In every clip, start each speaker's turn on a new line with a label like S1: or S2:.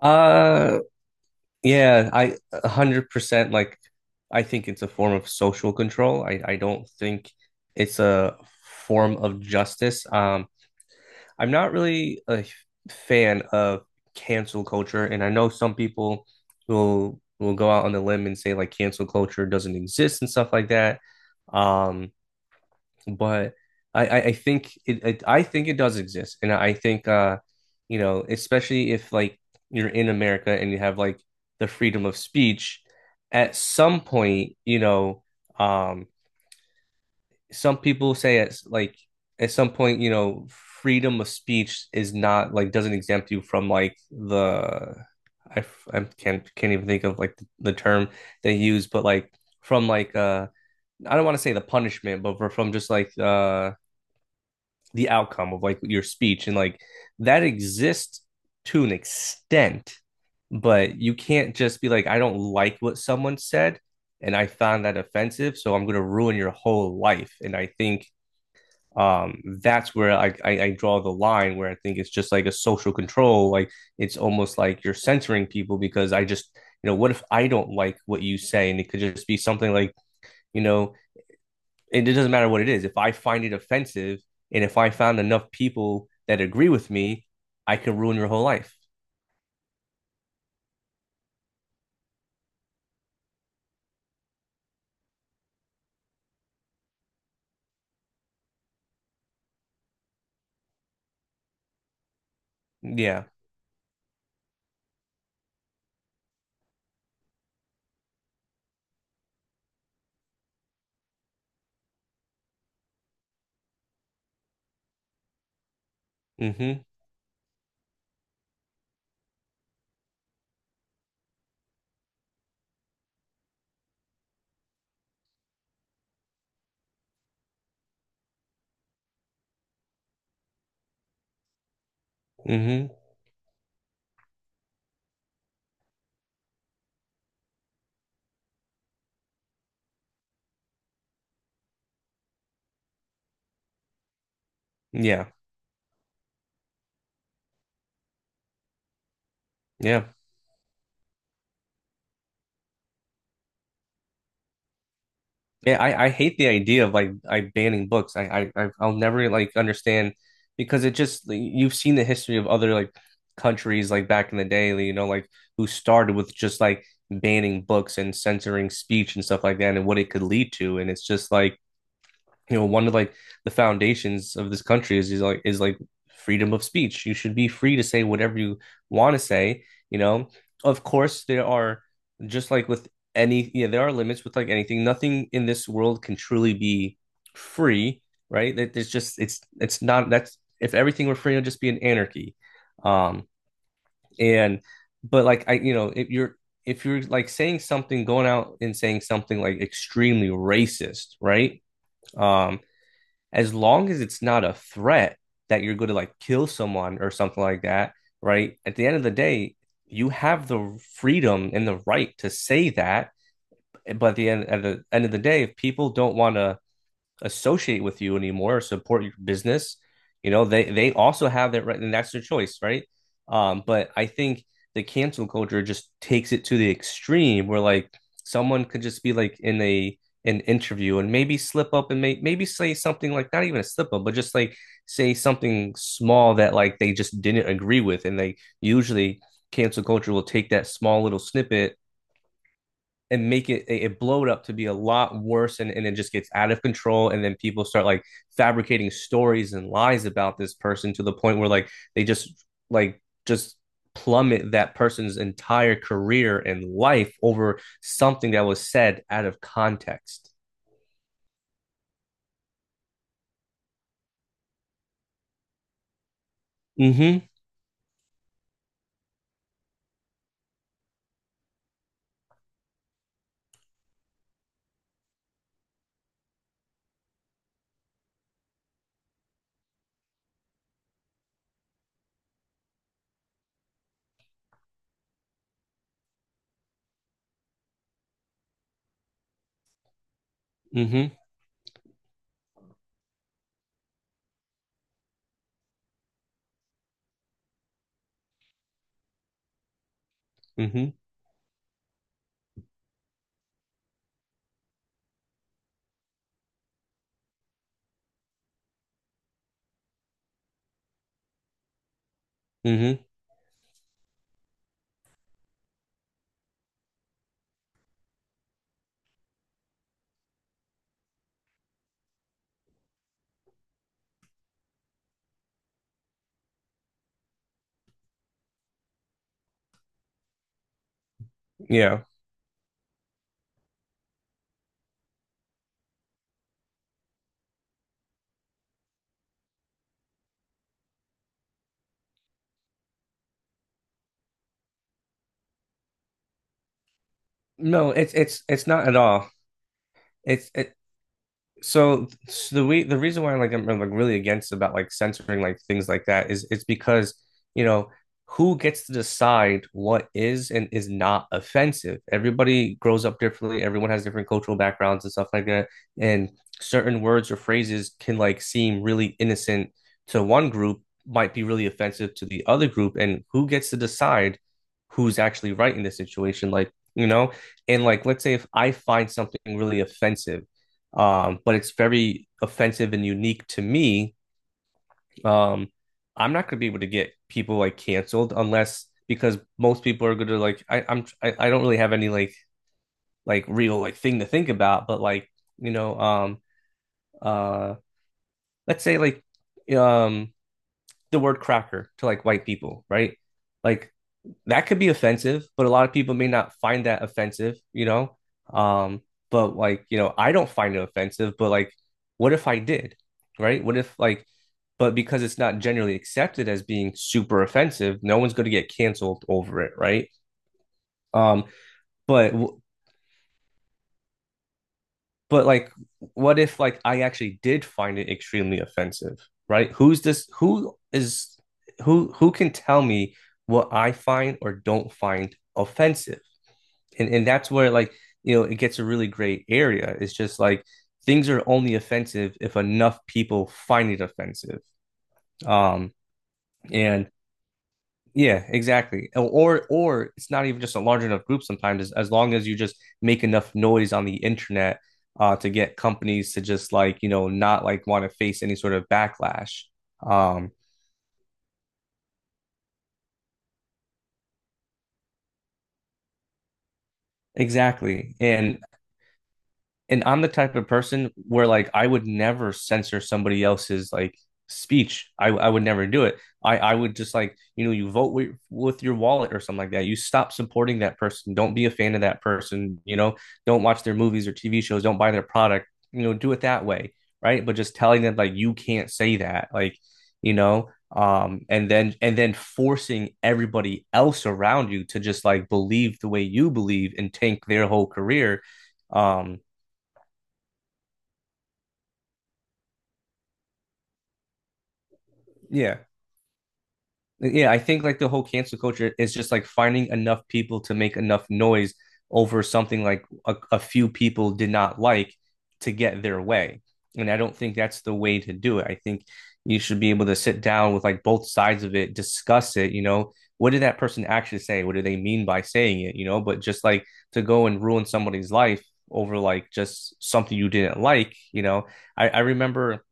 S1: Uh, yeah, I 100% I think it's a form of social control. I don't think it's a form of justice. I'm not really a fan of cancel culture, and I know some people will go out on the limb and say like cancel culture doesn't exist and stuff like that. Um, but I think it, it I think it does exist, and I think you know, especially if like you're in America and you have like the freedom of speech, at some point, you know, um some people say at at some point, you know, freedom of speech is not like doesn't exempt you from like the I I can't even think of like the term they use, but like from like I don't want to say the punishment, but from just like the outcome of like your speech and like that exists to an extent. But you can't just be like, I don't like what someone said and I found that offensive, so I'm going to ruin your whole life. And I think that's where I draw the line, where I think it's just like a social control. Like it's almost like you're censoring people, because I just, you know, what if I don't like what you say? And it could just be something like, you know, it doesn't matter what it is. If I find it offensive, and if I found enough people that agree with me, I could ruin your whole life. Yeah. Mm-hmm. Mm-hmm. Yeah. Yeah. Yeah, I hate the idea of like I banning books. I'll never like understand, because it just like, you've seen the history of other like countries, like back in the day, you know, like who started with just like banning books and censoring speech and stuff like that, and what it could lead to. And it's just like, you know, one of like the foundations of this country is like is like freedom of speech. You should be free to say whatever you want to say, you know. Of course there are, just like with any, yeah, there are limits with like anything. Nothing in this world can truly be free, right? That there's just, it's not, that's, if everything were free, it'd just be an anarchy. Um and But like, I, you know, if you're, if you're like saying something, going out and saying something like extremely racist, right? um as long as it's not a threat that you're going to like kill someone or something like that, right? At the end of the day, you have the freedom and the right to say that. But at the end of the day, if people don't want to associate with you anymore or support your business, you know, they also have that right, and that's their choice, right? But I think the cancel culture just takes it to the extreme, where like someone could just be like in a an interview and maybe slip up and maybe say something like not even a slip up, but just like say something small that like they just didn't agree with, and they usually, cancel culture will take that small little snippet and make it, blow it up to be a lot worse. And it just gets out of control, and then people start like fabricating stories and lies about this person to the point where like they just like just plummet that person's entire career and life over something that was said out of context. Mm-hmm. Mm-hmm. Mm-hmm. Mm-hmm. Yeah. No, it's not at all. It's it, so the way, the reason why I'm like, I'm like really against about like censoring like things like that, is it's because, you know, who gets to decide what is and is not offensive? Everybody grows up differently. Everyone has different cultural backgrounds and stuff like that. And certain words or phrases can like seem really innocent to one group, might be really offensive to the other group. And who gets to decide who's actually right in this situation? Like, you know, and like let's say if I find something really offensive, but it's very offensive and unique to me. Um, I'm not going to be able to get people like canceled, unless, because most people are going to like, I don't really have any like real like thing to think about, but like, you know, uh let's say like, um the word cracker to like white people, right? Like that could be offensive, but a lot of people may not find that offensive, you know? Um, but like, you know, I don't find it offensive, but like, what if I did? Right? What if like, but because it's not generally accepted as being super offensive, no one's going to get canceled over it, right? Um, but but like, what if like I actually did find it extremely offensive, right? Who's this? Who is who? Who can tell me what I find or don't find offensive? And that's where like, you know, it gets a really great area. It's just like things are only offensive if enough people find it offensive. Um, and yeah, exactly. Or it's not even just a large enough group. Sometimes as long as you just make enough noise on the internet, to get companies to just like, you know, not like want to face any sort of backlash. Um, exactly. And I'm the type of person where like I would never censor somebody else's like speech. I would never do it. I would just like, you know, you vote with your wallet or something like that. You stop supporting that person. Don't be a fan of that person. You know, don't watch their movies or TV shows. Don't buy their product. You know, do it that way, right? But just telling them like you can't say that, like, you know, and then forcing everybody else around you to just like believe the way you believe and tank their whole career. Um, yeah. Yeah, I think like the whole cancel culture is just like finding enough people to make enough noise over something like a few people did not like, to get their way. And I don't think that's the way to do it. I think you should be able to sit down with like both sides of it, discuss it, you know, what did that person actually say? What do they mean by saying it, you know? But just like to go and ruin somebody's life over like just something you didn't like, you know. I remember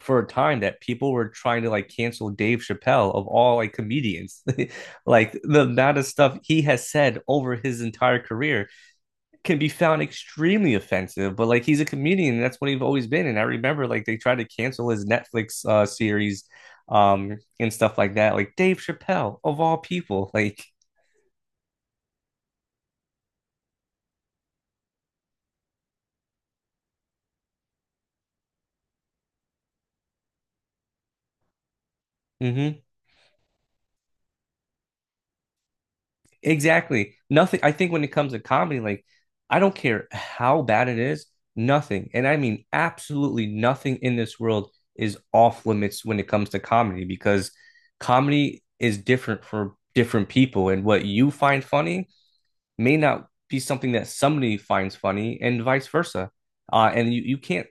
S1: for a time that people were trying to like cancel Dave Chappelle of all like comedians. Like the amount of stuff he has said over his entire career can be found extremely offensive, but like he's a comedian, and that's what he's always been. And I remember like they tried to cancel his Netflix series, and stuff like that. Like Dave Chappelle of all people, like, mm-hmm. Exactly. Nothing. I think when it comes to comedy, like, I don't care how bad it is, nothing, and I mean absolutely nothing in this world is off limits when it comes to comedy, because comedy is different for different people, and what you find funny may not be something that somebody finds funny, and vice versa. And you can't,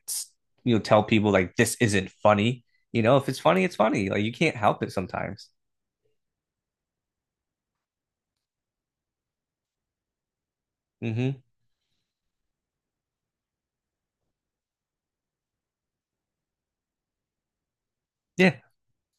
S1: you know, tell people like this isn't funny. You know, if it's funny, it's funny. Like, you can't help it sometimes. Hmm. Yeah.